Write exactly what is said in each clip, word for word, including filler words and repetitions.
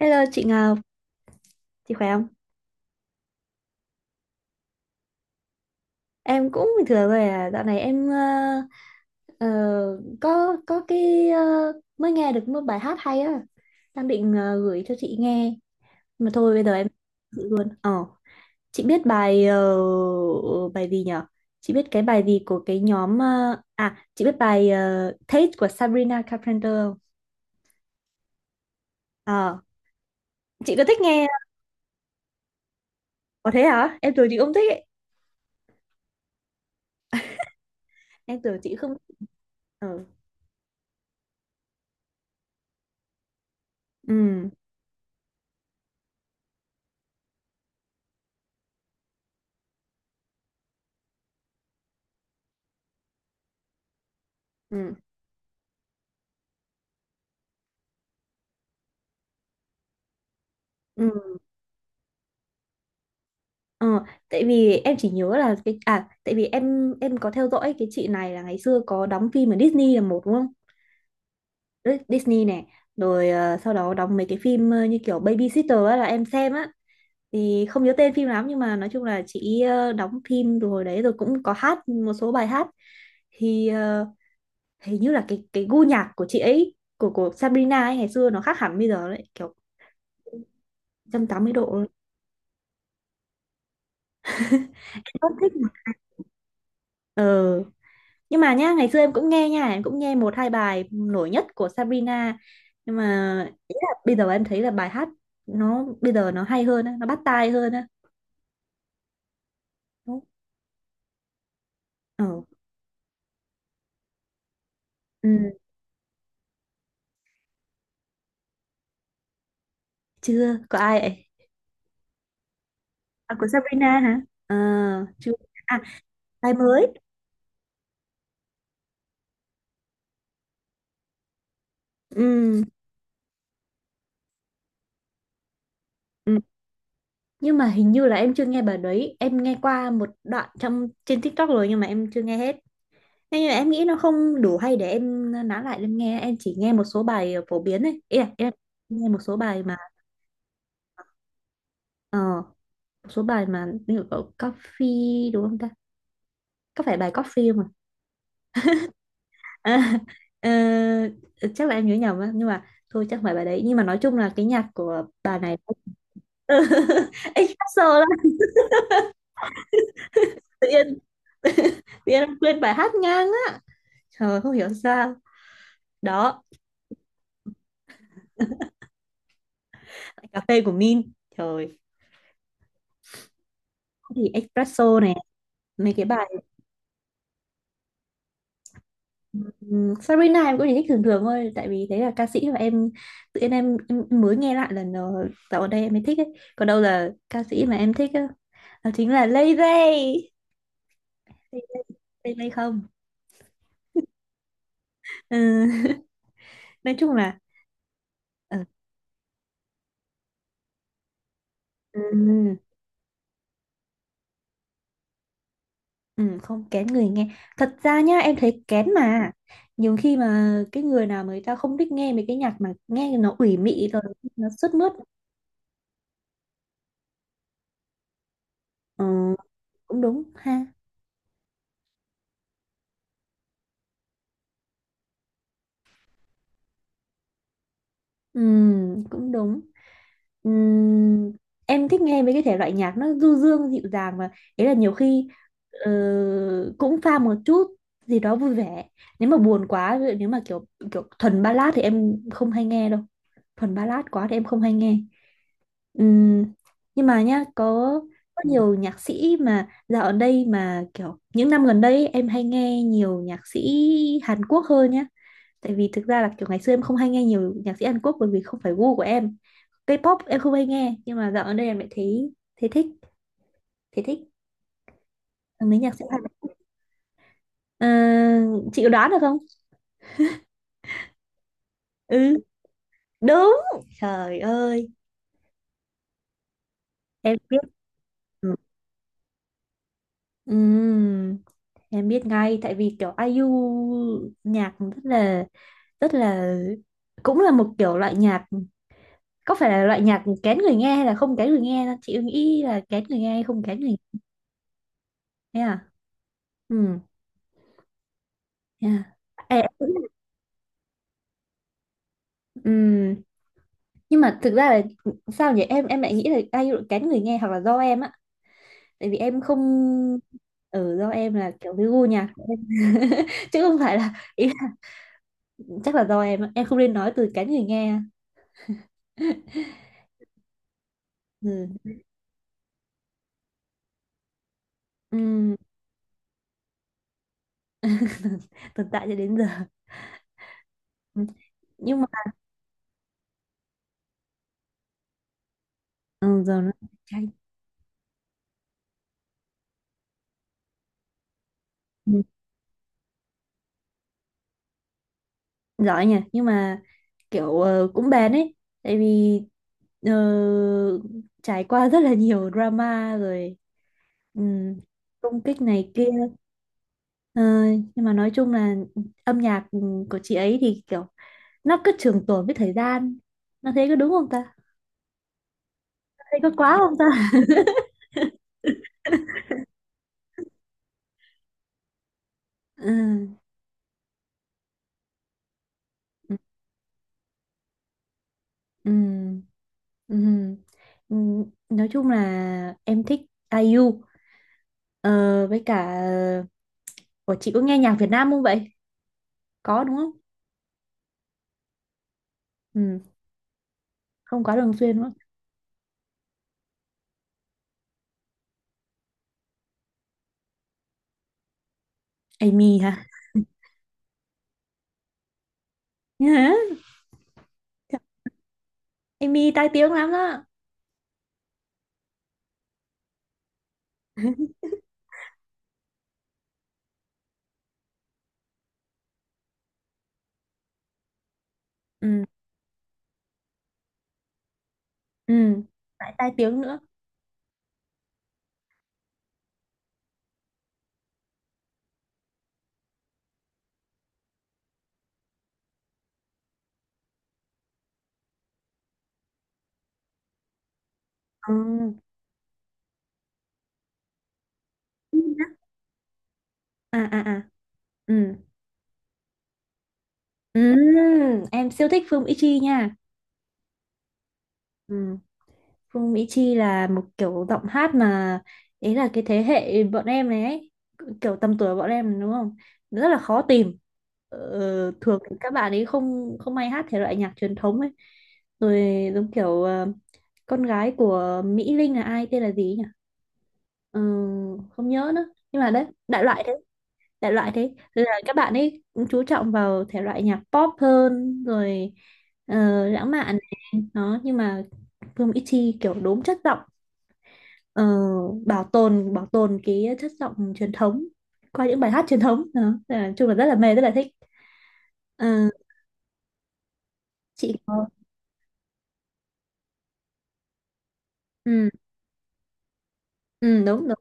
Hello chị Ngọc, chị khỏe không? Em cũng bình thường rồi à, dạo này em ờ, ờ, có có cái ờ, mới nghe được một bài hát hay á, đang định ờ, gửi cho chị nghe, mà thôi bây giờ em chị luôn. Ờ, chị biết bài ờ, bài gì nhở? Chị biết cái bài gì của cái nhóm ờ, à, chị biết bài ờ, Taste của Sabrina Carpenter không? Ờ, chị có thích nghe? Có thế hả? Em tưởng chị không thích ấy. Em tưởng chị không. Ờ, ừ, ừ, ừ. Ờ, Tại vì em chỉ nhớ là cái à tại vì em em có theo dõi cái chị này là ngày xưa có đóng phim ở Disney là một đúng không? Đấy, Disney này, rồi ờ, sau đó đóng mấy cái phim ờ, như kiểu Babysitter á, là em xem á. Thì không nhớ tên phim lắm nhưng mà nói chung là chị ờ, đóng phim rồi đấy rồi cũng có hát một số bài hát. Thì ờ, hình như là cái cái gu nhạc của chị ấy của của Sabrina ấy ngày xưa nó khác hẳn bây giờ đấy, kiểu một trăm tám mươi độ. luôn. Em rất thích. mà. Ờ nhưng mà nhá ngày xưa em cũng nghe nha em cũng nghe một hai bài nổi nhất của Sabrina nhưng mà bây giờ em thấy là bài hát nó bây giờ nó hay hơn á, nó bắt tai hơn á. Đúng. Ờ. Ừ, chưa có ai ấy. À, của Sabrina hả? Ờ, chưa. À, bài mới. Ừ, ừ. Nhưng mà hình như là em chưa nghe bài đấy, em nghe qua một đoạn trong trên TikTok rồi nhưng mà em chưa nghe hết. Thế nhưng mà em nghĩ nó không đủ hay để em nói lại em nghe, em chỉ nghe một số bài ờ, phổ biến ấy, ý là, ý là nghe một số bài mà ờ, một số bài mà như kiểu coffee đúng không ta, có phải bài coffee không? À? Ờ, Chắc là em nhớ nhầm á nhưng mà thôi chắc không phải bài đấy, nhưng mà nói chung là cái nhạc của bà này anh hát solo lắm. Tự nhiên tự nhiên em quên bài hát ngang á, trời không hiểu sao. Đó. Cà phê của Min. Trời. Thì espresso này, mấy cái bài. Ừm, Sabrina em cũng chỉ thích thường thường thôi, tại vì đấy là ca sĩ mà em tự nhiên em, em mới nghe lại lần ờ, dạo gần đây em mới thích ấy. Còn đâu là ca sĩ mà em thích á, đó chính là Lay Ray. Lay Ray, Lay Ray không? Ừ. Nói chung là ừ. Ừ. Ừ. Không kén người nghe. Thật ra nhá em thấy kén mà, nhiều khi mà cái người nào mà người ta không thích nghe mấy cái nhạc mà nghe nó ủy mị rồi nó sướt mướt. Ừ. Cũng đúng ha. Ừ. Cũng đúng. Ừm, em thích nghe mấy cái thể loại nhạc nó du dương dịu dàng mà, ấy là nhiều khi ờ, cũng pha một chút gì đó vui vẻ. Nếu mà buồn quá, ví dụ nếu mà kiểu kiểu thuần ballad thì em không hay nghe đâu, thuần ballad quá thì em không hay nghe. Ừm, nhưng mà nhá có có nhiều nhạc sĩ mà dạo ở đây mà kiểu những năm gần đây ấy, em hay nghe nhiều nhạc sĩ Hàn Quốc hơn nhá, tại vì thực ra là kiểu ngày xưa em không hay nghe nhiều nhạc sĩ Hàn Quốc bởi vì không phải gu của em, K-pop em không hay nghe, nhưng mà dạo gần đây em lại thấy thấy thích, thấy thích mấy nhạc sĩ Hàn. Ờ, chị có đoán được không? Ừ, đúng, trời ơi em biết. Ừ. Ừm, em biết ngay tại vì kiểu ai i u nhạc rất là rất là cũng là một kiểu loại nhạc, có phải là loại nhạc kén người nghe hay là không kén người nghe đâu? Chị nghĩ là kén người nghe hay không kén người nghe à? Ừ. Yeah. Ê, em cũng- ừm, nhưng mà thực ra là sao nhỉ, em em lại nghĩ là i u kén người nghe hoặc là do em á, tại vì em không ở do em là kiểu cái gu nhạc, chứ không phải là ý là chắc là do em á. Em không nên nói từ kén người nghe. Ừ. ừm, tồn tại cho đến giờ. Ừ, nhưng mà ừ, giờ nó chanh giỏi nha, nhưng mà kiểu ờ, cũng bền ấy, tại vì ờ, trải qua rất là nhiều drama rồi, ừm, công kích này kia. Ờ, nhưng mà nói chung là âm nhạc của chị ấy thì kiểu nó cứ trường tồn với thời gian. Nó thấy có đúng không ta? Nó thấy có quá không ta? Ừ, ừ, ừ, ừ. Ừ, nói chung là em thích ai i u ờ, với cả ờ, ủa chị có nghe nhạc Việt Nam không vậy, có đúng không? Ừ, không quá thường xuyên đúng không? Amy hả? Hả? Amy tai tiếng lắm đó. Ừ. Ừ. Lại tai tiếng nữa. Ừ. À à à. Ừ. Ừ. Em siêu thích phim Ichi nha. Ừ. Phương Mỹ Chi là một kiểu giọng hát mà, ý là cái thế hệ bọn em này ấy, kiểu tầm tuổi bọn em đúng không? Rất là khó tìm. Ờ, thường thì các bạn ấy không không hay hát thể loại nhạc truyền thống ấy. Rồi giống kiểu ờ, con gái của Mỹ Linh là ai tên là gì ấy nhỉ? Ờ, Không nhớ nữa. Nhưng mà đấy, đại loại thế, đại loại thế. Rồi là các bạn ấy cũng chú trọng vào thể loại nhạc pop hơn rồi, ờ, lãng mạn này. Đó, nhưng mà Vương ít Chi kiểu đốm chất giọng, ờ, bảo tồn bảo tồn cái chất giọng truyền thống qua những bài hát truyền thống. Đó. Nên là nói chung là rất là mê, rất là thích. Ờ, chị có ừ, ừ đúng đúng,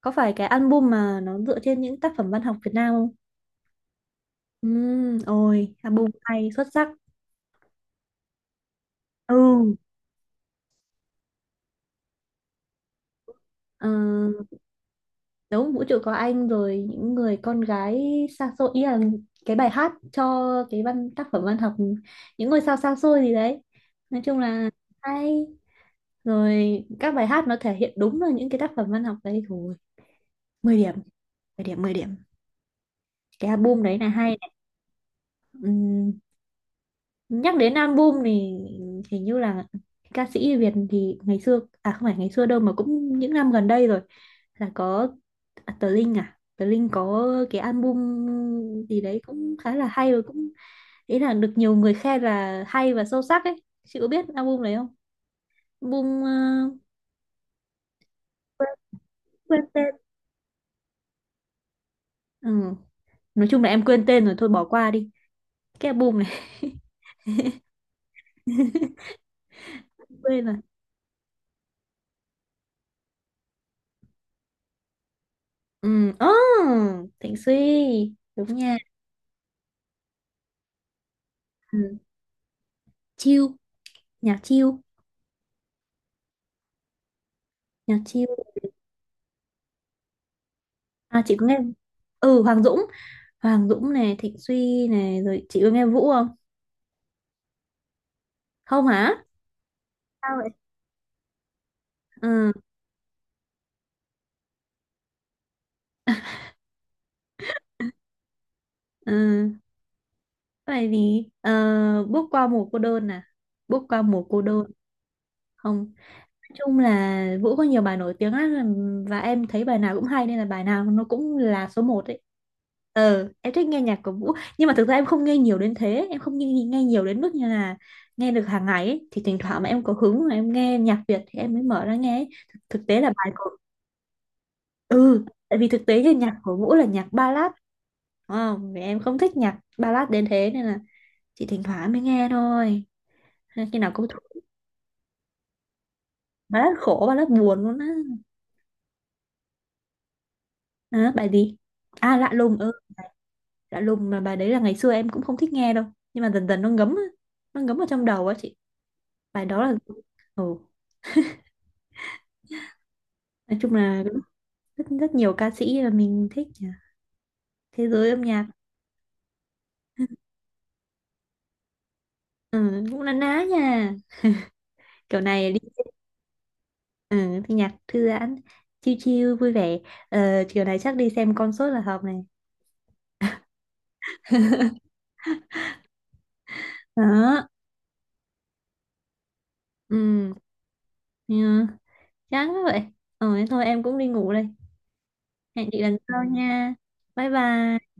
có phải cái album mà nó dựa trên những tác phẩm văn học Việt Nam không? Ừ, ôi album hay xuất sắc. Ừ. Ờ, Đúng, vũ trụ có anh rồi những người con gái xa xôi, ý là cái bài hát cho cái văn tác phẩm văn học những ngôi sao xa xôi gì đấy, nói chung là hay, rồi các bài hát nó thể hiện đúng là những cái tác phẩm văn học đấy thôi. Mười điểm, mười điểm, mười điểm, cái album đấy là hay này. Ừm, Nhắc đến album thì hình như là ca sĩ Việt thì ngày xưa, à không phải ngày xưa đâu mà cũng những năm gần đây rồi, là có à, Tờ Linh, à Tờ Linh có cái album gì đấy cũng khá là hay, rồi cũng ý là được nhiều người khen là hay và sâu sắc ấy, chị có biết album đấy không? Album ờ, quên tên. Ừ. Nói chung là em quên tên rồi thôi bỏ qua đi cái album này. Quên rồi. Ừ. Oh, Thịnh Suy, đúng nha. Ừ. Chill, nhạc chill, nhạc chill. À, chị có nghe ừ Hoàng Dũng, Hoàng Dũng này Thịnh Suy này, rồi chị có nghe Vũ không? Không hả? Sao vậy? Ừ. Ừ, tại vì ờ, bước qua mùa cô đơn à, bước qua mùa cô đơn. Không, nói chung là Vũ có nhiều bài nổi tiếng lắm, và em thấy bài nào cũng hay nên là bài nào nó cũng là số một ấy. Ờ em thích nghe nhạc của Vũ nhưng mà thực ra em không nghe nhiều đến thế, em không nghe, nghe nhiều đến mức như là nghe được hàng ngày ấy. Thì thỉnh thoảng mà em có hứng mà em nghe nhạc Việt thì em mới mở ra nghe ấy. thực, thực tế là bài ừ, tại vì thực tế thì nhạc của Vũ là nhạc ballad, đúng không, vì em không thích nhạc ballad đến thế nên là chị thỉnh thoảng mới nghe thôi. Nên khi nào cũng thuộc ballad khổ, ballad buồn luôn á. À, bài gì? À, lạ lùng. Ừ, lạ lùng, mà bài đấy là ngày xưa em cũng không thích nghe đâu, nhưng mà dần dần nó ngấm á, nó ngấm vào trong đầu á chị, bài đó là ừ. Nói chung là rất rất nhiều ca sĩ là mình thích nhỉ, thế giới âm nhạc. Ừ, cũng na ná nha, kiểu này. Ừ, thì nhạc thư giãn, chill chill, vui vẻ. Ờ, chiều này chắc đi xem concert là hợp này. Đó, ừ, yeah. Chán quá vậy. Ừ, thế thôi em cũng đi ngủ đây. Hẹn chị lần sau nha. Bye bye.